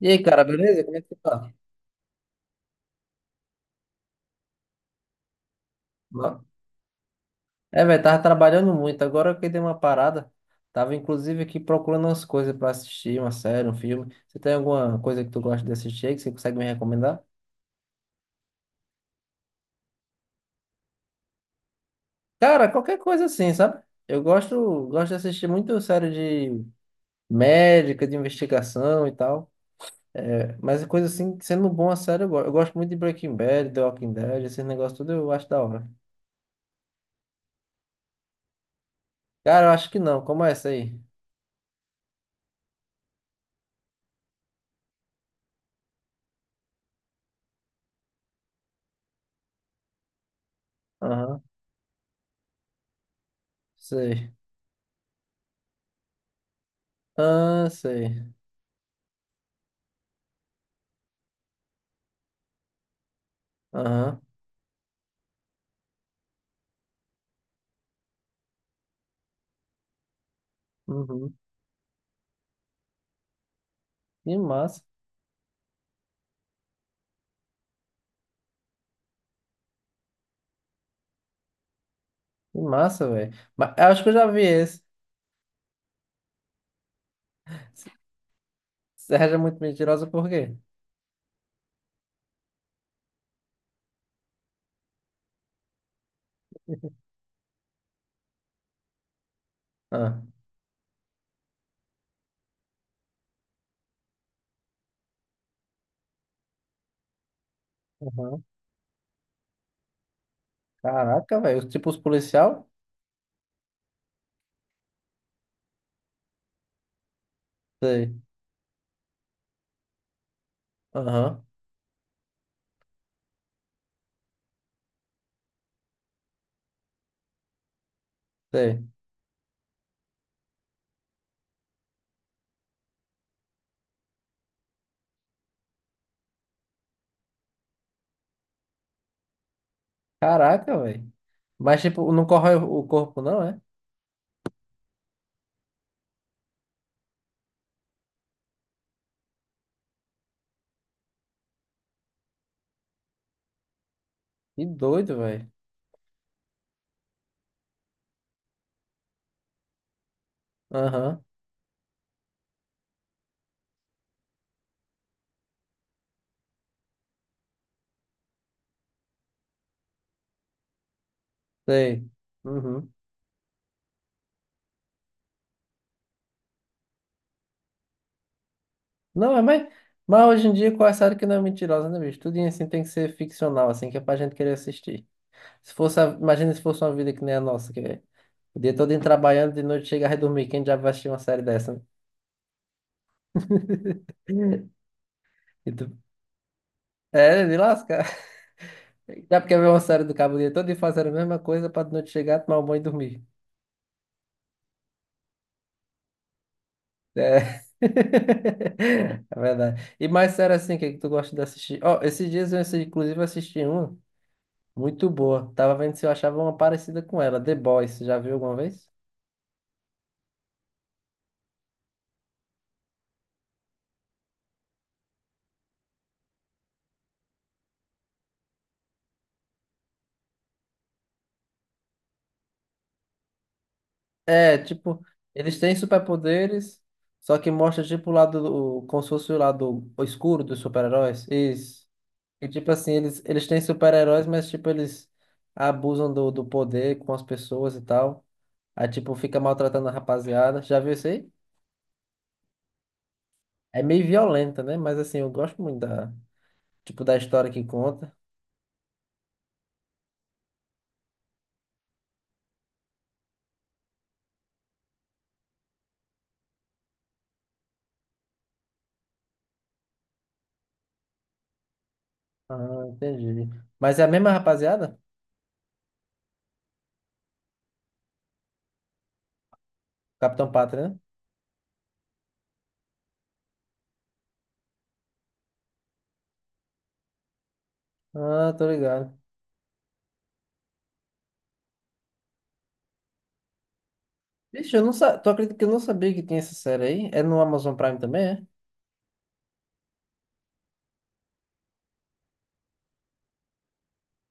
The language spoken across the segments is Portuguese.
E aí, cara, beleza? Como é que tu tá? Ba- É, velho, tava trabalhando muito. Agora que dei uma parada, tava inclusive aqui procurando umas coisas pra assistir, uma série, um filme. Você tem alguma coisa que tu gosta de assistir aí que você consegue me recomendar? Cara, qualquer coisa assim, sabe? Eu gosto de assistir muito série de médica, de investigação e tal. Mas coisa assim, sendo bom a série, eu gosto. Eu gosto muito de Breaking Bad, The Walking Dead, esses negócios tudo eu acho da hora. Cara, eu acho que não. Como é essa aí? Aham, sei. Ah, sei. Aham. Uhum. Que massa. Que massa, velho. Mas eu acho que eu já vi esse. Sérgio é muito mentirosa por quê? Ah. Aham. Caraca, velho. Tipo os policial? Sei. Aham. Sei. Caraca, velho. Mas tipo, não corrói o corpo, não, é? Que doido, velho. Aham. Sei. Uhum. Não, é mais. Mas hoje em dia, qual é a série que não é mentirosa, né, bicho? Tudo assim tem que ser ficcional, assim, que é pra gente querer assistir. Se fosse a- Imagina se fosse uma vida que nem a nossa, que o dia todo indo trabalhando, de noite chega a dormir. Quem já vai assistir uma série dessa? Né? E é, de lasca. Já porque ver uma série do cabo o dia todo e fazer a mesma coisa para de noite chegar, tomar um banho e dormir. É. É verdade. E mais sério assim, o que é que tu gosta de assistir? Ó, esses dias eu inclusive assisti uma muito boa. Tava vendo se eu achava uma parecida com ela, The Boys. Já viu alguma vez? É, tipo, eles têm superpoderes, só que mostra tipo o lado, como se fosse o lado escuro dos super-heróis. Isso. E tipo assim, eles têm super-heróis, mas tipo, eles abusam do poder com as pessoas e tal. Aí tipo, fica maltratando a rapaziada. Já viu isso aí? É meio violenta, né? Mas assim, eu gosto muito da, tipo, da história que conta. Ah, entendi. Mas é a mesma rapaziada? Capitão Pátria, né? Ah, tô ligado. Vixe, eu não sa... Tu acredita que eu não sabia que tinha essa série aí? É no Amazon Prime também, é?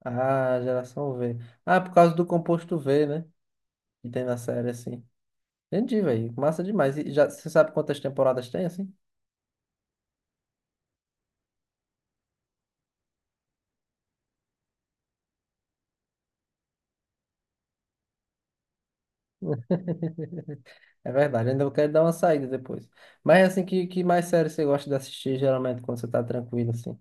Ah, geração V. Ah, por causa do composto V, né? Que tem na série, assim. Entendi, velho. Massa demais. E já, você sabe quantas temporadas tem, assim? É verdade, ainda eu quero dar uma saída depois. Mas, assim, que mais série você gosta de assistir, geralmente, quando você tá tranquilo, assim?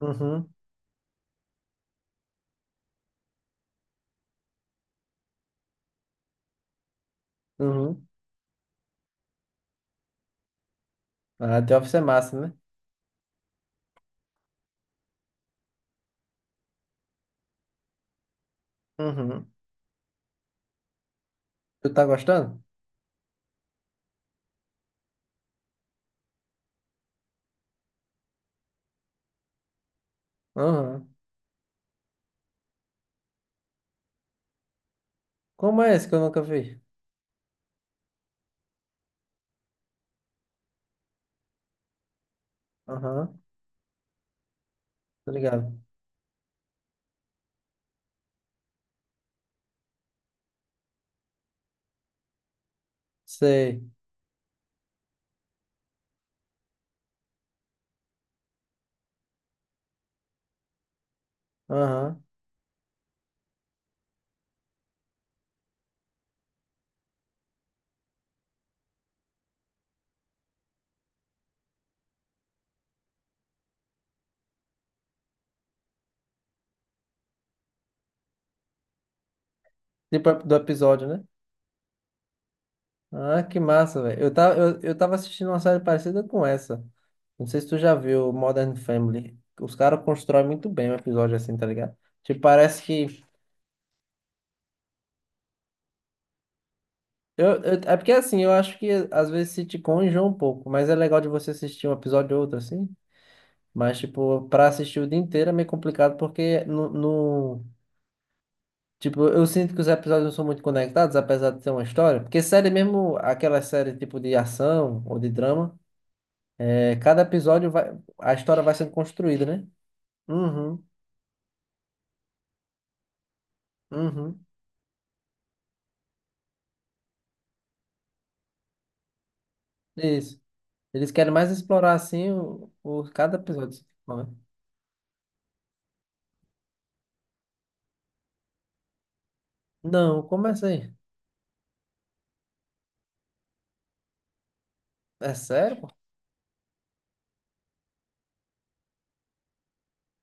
Uhum, uhum. Ah, The Office é massa, né? Uhum. Tu tá gostando? Uhum. Como é esse que eu nunca vi? Aham, tá ligado. Sei. Aham. Tipo, do episódio, né? Ah, que massa, velho. Eu, eu tava assistindo uma série parecida com essa. Não sei se tu já viu Modern Family. Os caras constroem muito bem o episódio assim, tá ligado? Tipo, parece que. É porque assim, eu acho que às vezes sitcom enjoa um pouco, mas é legal de você assistir um episódio ou outro, assim. Mas, tipo, pra assistir o dia inteiro é meio complicado, porque tipo, eu sinto que os episódios não são muito conectados, apesar de ter uma história. Porque série mesmo, aquela série tipo de ação ou de drama. É, cada episódio vai, a história vai sendo construída, né? Uhum, uhum. Isso. Eles querem mais explorar assim cada episódio. Não, começa aí. É assim? É sério, pô?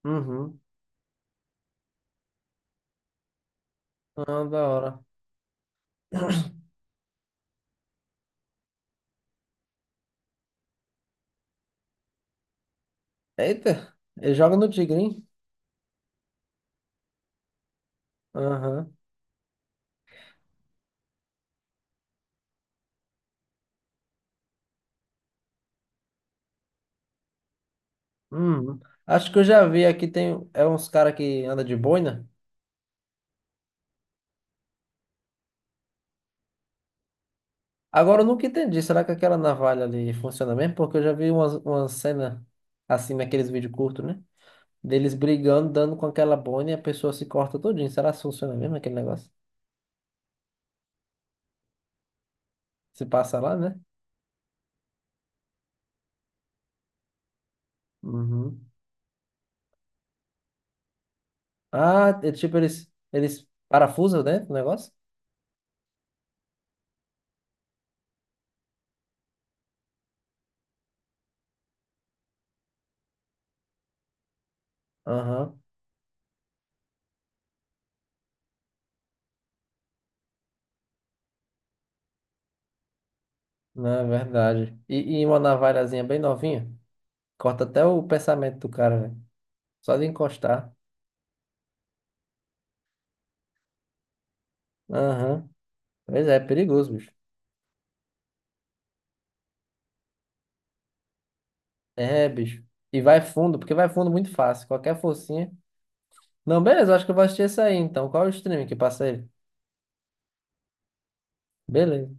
Uhum. Ah, da hora. Eita, ele joga no Tigrinho. Aham. Uhum. Acho que eu já vi aqui, tem é uns caras que anda de boina. Agora eu nunca entendi. Será que aquela navalha ali funciona mesmo? Porque eu já vi umas, umas cenas assim naqueles vídeos curtos, né? Deles brigando, dando com aquela bone e a pessoa se corta todinho. Será que funciona mesmo aquele negócio? Se passa lá, né? Uhum. Ah, é tipo, eles parafusam, né? O negócio? Aham. Não, é verdade. E uma navalhazinha bem novinha. Corta até o pensamento do cara, velho. Só de encostar. Aham. Pois é, é perigoso, bicho. É, bicho. E vai fundo, porque vai fundo muito fácil. Qualquer forcinha. Não, beleza, eu acho que eu vou assistir esse aí, então. Qual é o streaming que passa ele? Beleza.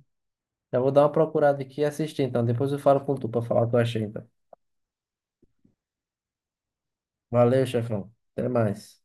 Já vou dar uma procurada aqui e assistir, então. Depois eu falo com tu pra falar o que eu achei, então. Valeu, chefão. Até mais.